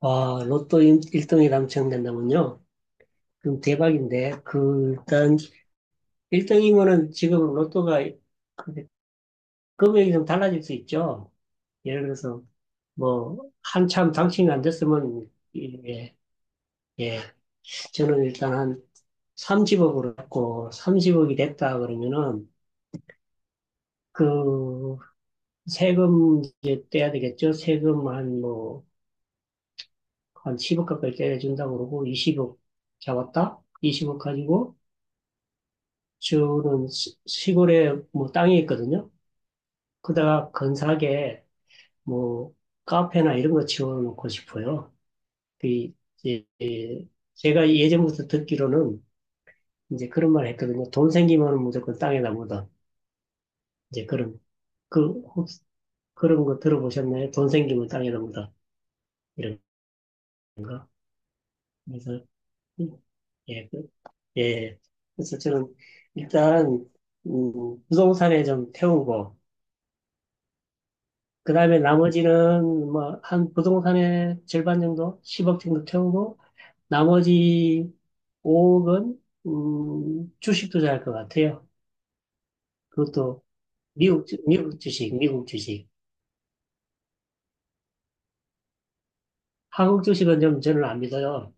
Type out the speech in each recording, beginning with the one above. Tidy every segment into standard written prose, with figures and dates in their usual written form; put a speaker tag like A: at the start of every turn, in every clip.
A: 아, 로또 1등이 당첨된다면요? 그럼 대박인데, 그, 일단, 1등이면은 지금 로또가 그 금액이 좀 달라질 수 있죠. 예를 들어서, 뭐, 한참 당첨이 안 됐으면, 예, 예. 저는 일단 한 30억으로 했고, 30억이 됐다 그러면은, 그, 세금 이제 떼야 되겠죠? 세금 한 뭐, 한 10억 가까이 떼준다고 그러고, 20억 잡았다? 20억 가지고, 저는 시골에 뭐 땅이 있거든요. 그다가 근사하게 뭐 카페나 이런 거 지어놓고 싶어요. 그 이제 제가 예전부터 듣기로는 이제 그런 말 했거든요. 돈 생기면 무조건 땅에다 묻어. 이제 그런 그 혹시 그런 거 들어보셨나요? 돈 생기면 땅에다 묻어 이런 거. 그래서 예, 예. 그래서 저는 일단 부동산에 좀 태우고 그 다음에 나머지는 뭐 한 부동산의 절반 정도, 10억 정도 태우고 나머지 5억은 주식 투자할 것 같아요. 그것도 미국 미국 주식, 미국 주식. 한국 주식은 좀 저는 안 믿어요.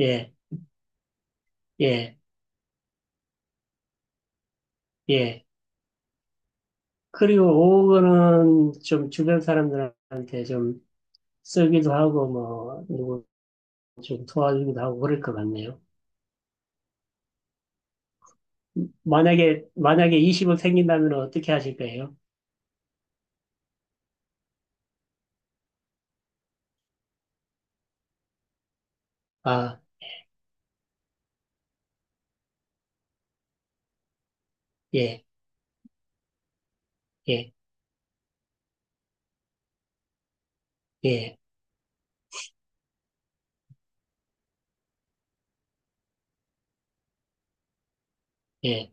A: 예, 예, 예. 그리고 5억은 좀 주변 사람들한테 좀 쓰기도 하고 뭐 누구 좀 도와주기도 하고 그럴 것 같네요. 만약에 20억 생긴다면 어떻게 하실 거예요? 아, 예. 예. 예, 예,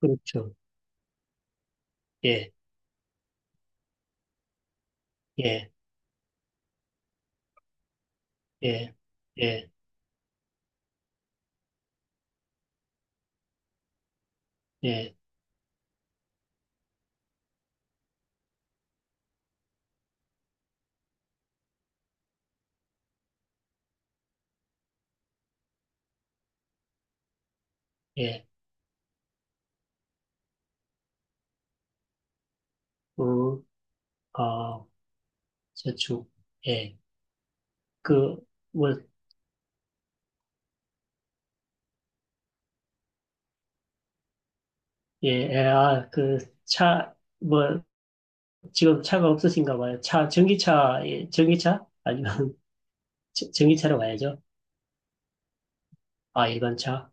A: 그렇죠. 예, 예, 예, 예, 예, 예, 우, 어, 저축, 예, 그, 뭐, 예, 예, 아, 그, 차, 뭐, 지금 차가 없으신가 봐요. 차, 전기차, 예, 전기차? 아니면 전기차로 가야죠. 아, 일반차?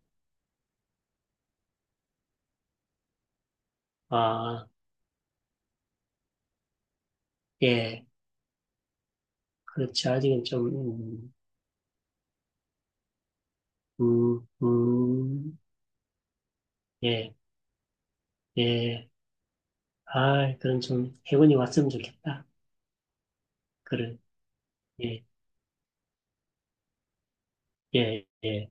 A: 아, 예, 그렇죠. 아직은 좀, 음, 음, 예, 예, 아, 그럼 좀 해운이 왔으면 좋겠다. 그래, 예, 예, 예.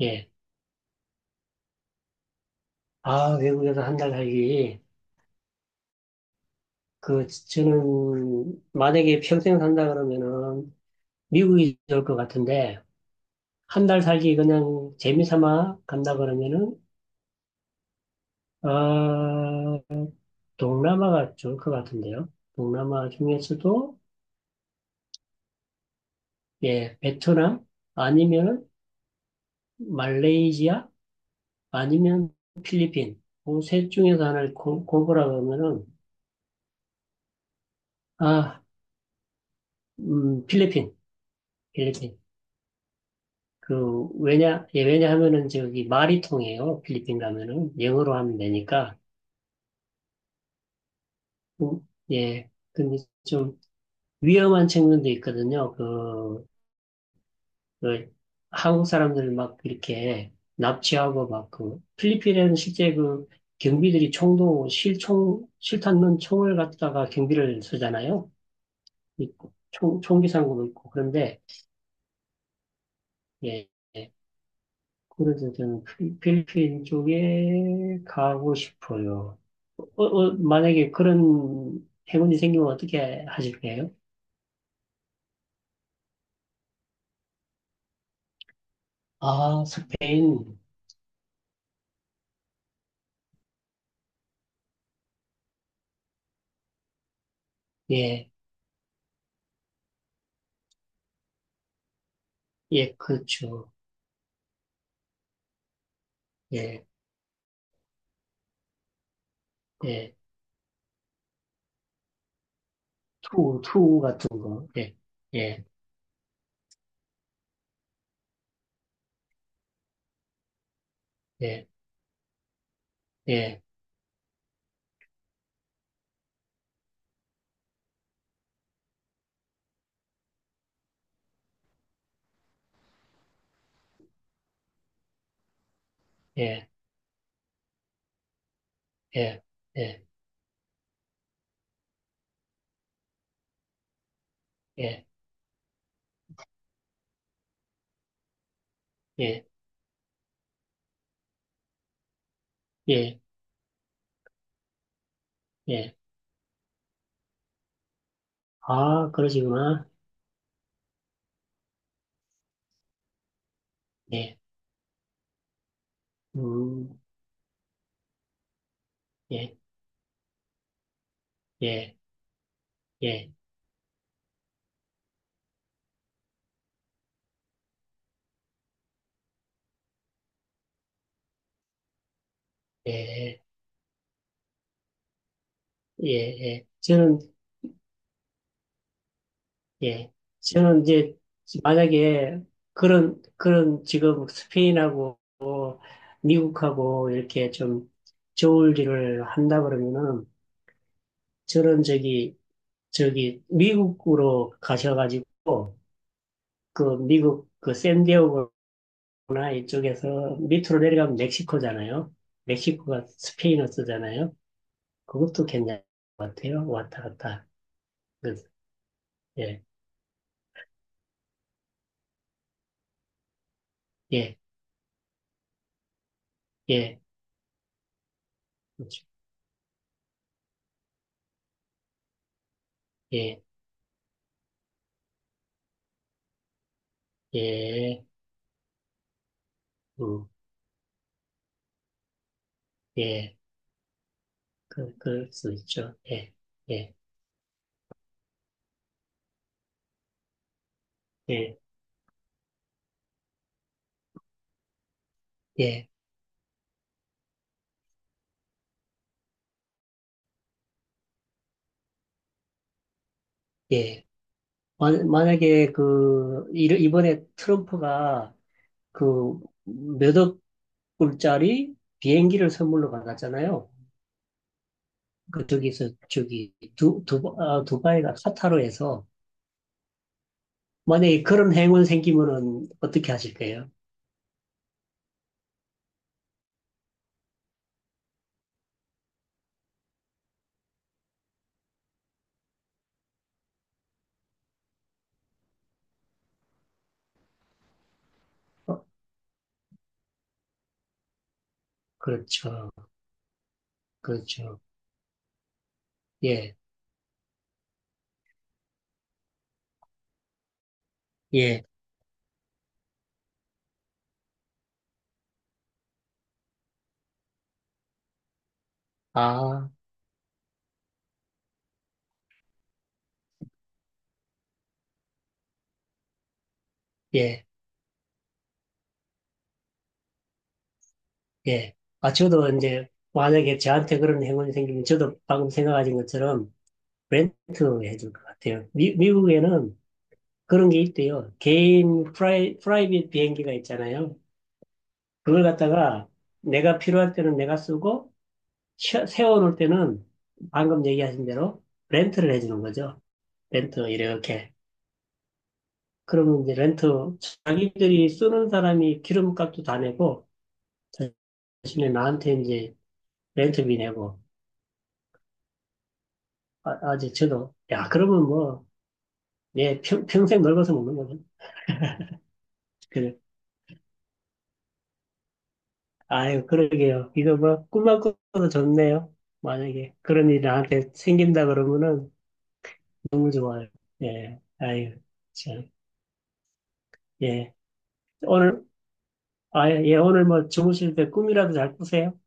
A: 예. 아, 외국에서 한 달 살기. 그, 저는, 만약에 평생 산다 그러면은, 미국이 좋을 것 같은데, 한 달 살기 그냥 재미삼아 간다 그러면은, 아, 동남아가 좋을 것 같은데요. 동남아 중에서도, 예, 베트남, 아니면 말레이시아, 아니면 필리핀. 그셋 중에서 하나를 고르라 그러면은, 아, 필리핀, 필리핀. 그, 왜냐, 예, 왜냐하면은 저기 말이 통해요. 필리핀 가면은. 영어로 하면 되니까. 예. 근데 좀 위험한 측면도 있거든요. 그, 그 한국 사람들 막 이렇게 납치하고 막 그, 필리핀에는 실제 그 경비들이 총도 실총, 실탄 넣은 총을 갖다가 경비를 쓰잖아요. 이 총기 상고도 있고. 그런데, 예. 예. 그래서 저는 필리핀 쪽에 가고 싶어요. 어, 어, 만약에 그런 행운이 생기면 어떻게 하실까요? 아, 스페인. 예, 예, 그렇죠. 예, 예. 투, 투 같은 거. 예, 예, 예, 예, 예, 예, 예, 예, 예, 예, 예. 아, 그러시구나. 예, 음, 예, 예, 예, 예, 예, 예. 저는 예. 저는 이제 만약에 그런 지금 스페인하고 미국하고 이렇게 좀 좋을 일을 한다 그러면은 저는 저기, 저기 미국으로 가셔가지고 그 미국 그 샌디에고나 이쪽에서 밑으로 내려가면 멕시코잖아요. 멕시코가 스페인어 쓰잖아요. 그것도 괜찮을 것 같아요. 왔다 갔다. 그, 예, 예, 예, 그렇죠. 예, 예, 음, 예. 그, 그럴 수 있죠. 예, 예, 예, 예, 예. 만약에 그, 이번에 트럼프가 그 몇억 불짜리 비행기를 선물로 받았잖아요. 그, 저기서, 저기, 두바이가 카타르에서 만약에 그런 행운 생기면은 어떻게 하실 거예요? 어, 그렇죠. 그렇죠. 예, 예. 아, 예, 예. 아, 저도 이제 만약에 저한테 그런 행운이 생기면 저도 방금 생각하신 것처럼 렌트 해줄 것 같아요. 미국에는 그런 게 있대요. 개인 프라이빗 비행기가 있잖아요. 그걸 갖다가 내가 필요할 때는 내가 쓰고 세워놓을 때는 방금 얘기하신 대로 렌트를 해주는 거죠. 렌트 이렇게. 그러면 이제 렌트 자기들이 쓰는 사람이 기름값도 다 내고 대신에 나한테 이제 렌트비 내고 아, 아 이제 저도 야 그러면 뭐 예 평생 넓어서 먹는 거죠. 그래. 아유, 그러게요. 이거 뭐, 꿈만 꿔도 좋네요. 만약에 그런 일이 나한테 생긴다 그러면은 너무 좋아요. 예, 아유, 참, 예. 오늘, 아, 예, 오늘 뭐 주무실 때 꿈이라도 잘 꾸세요.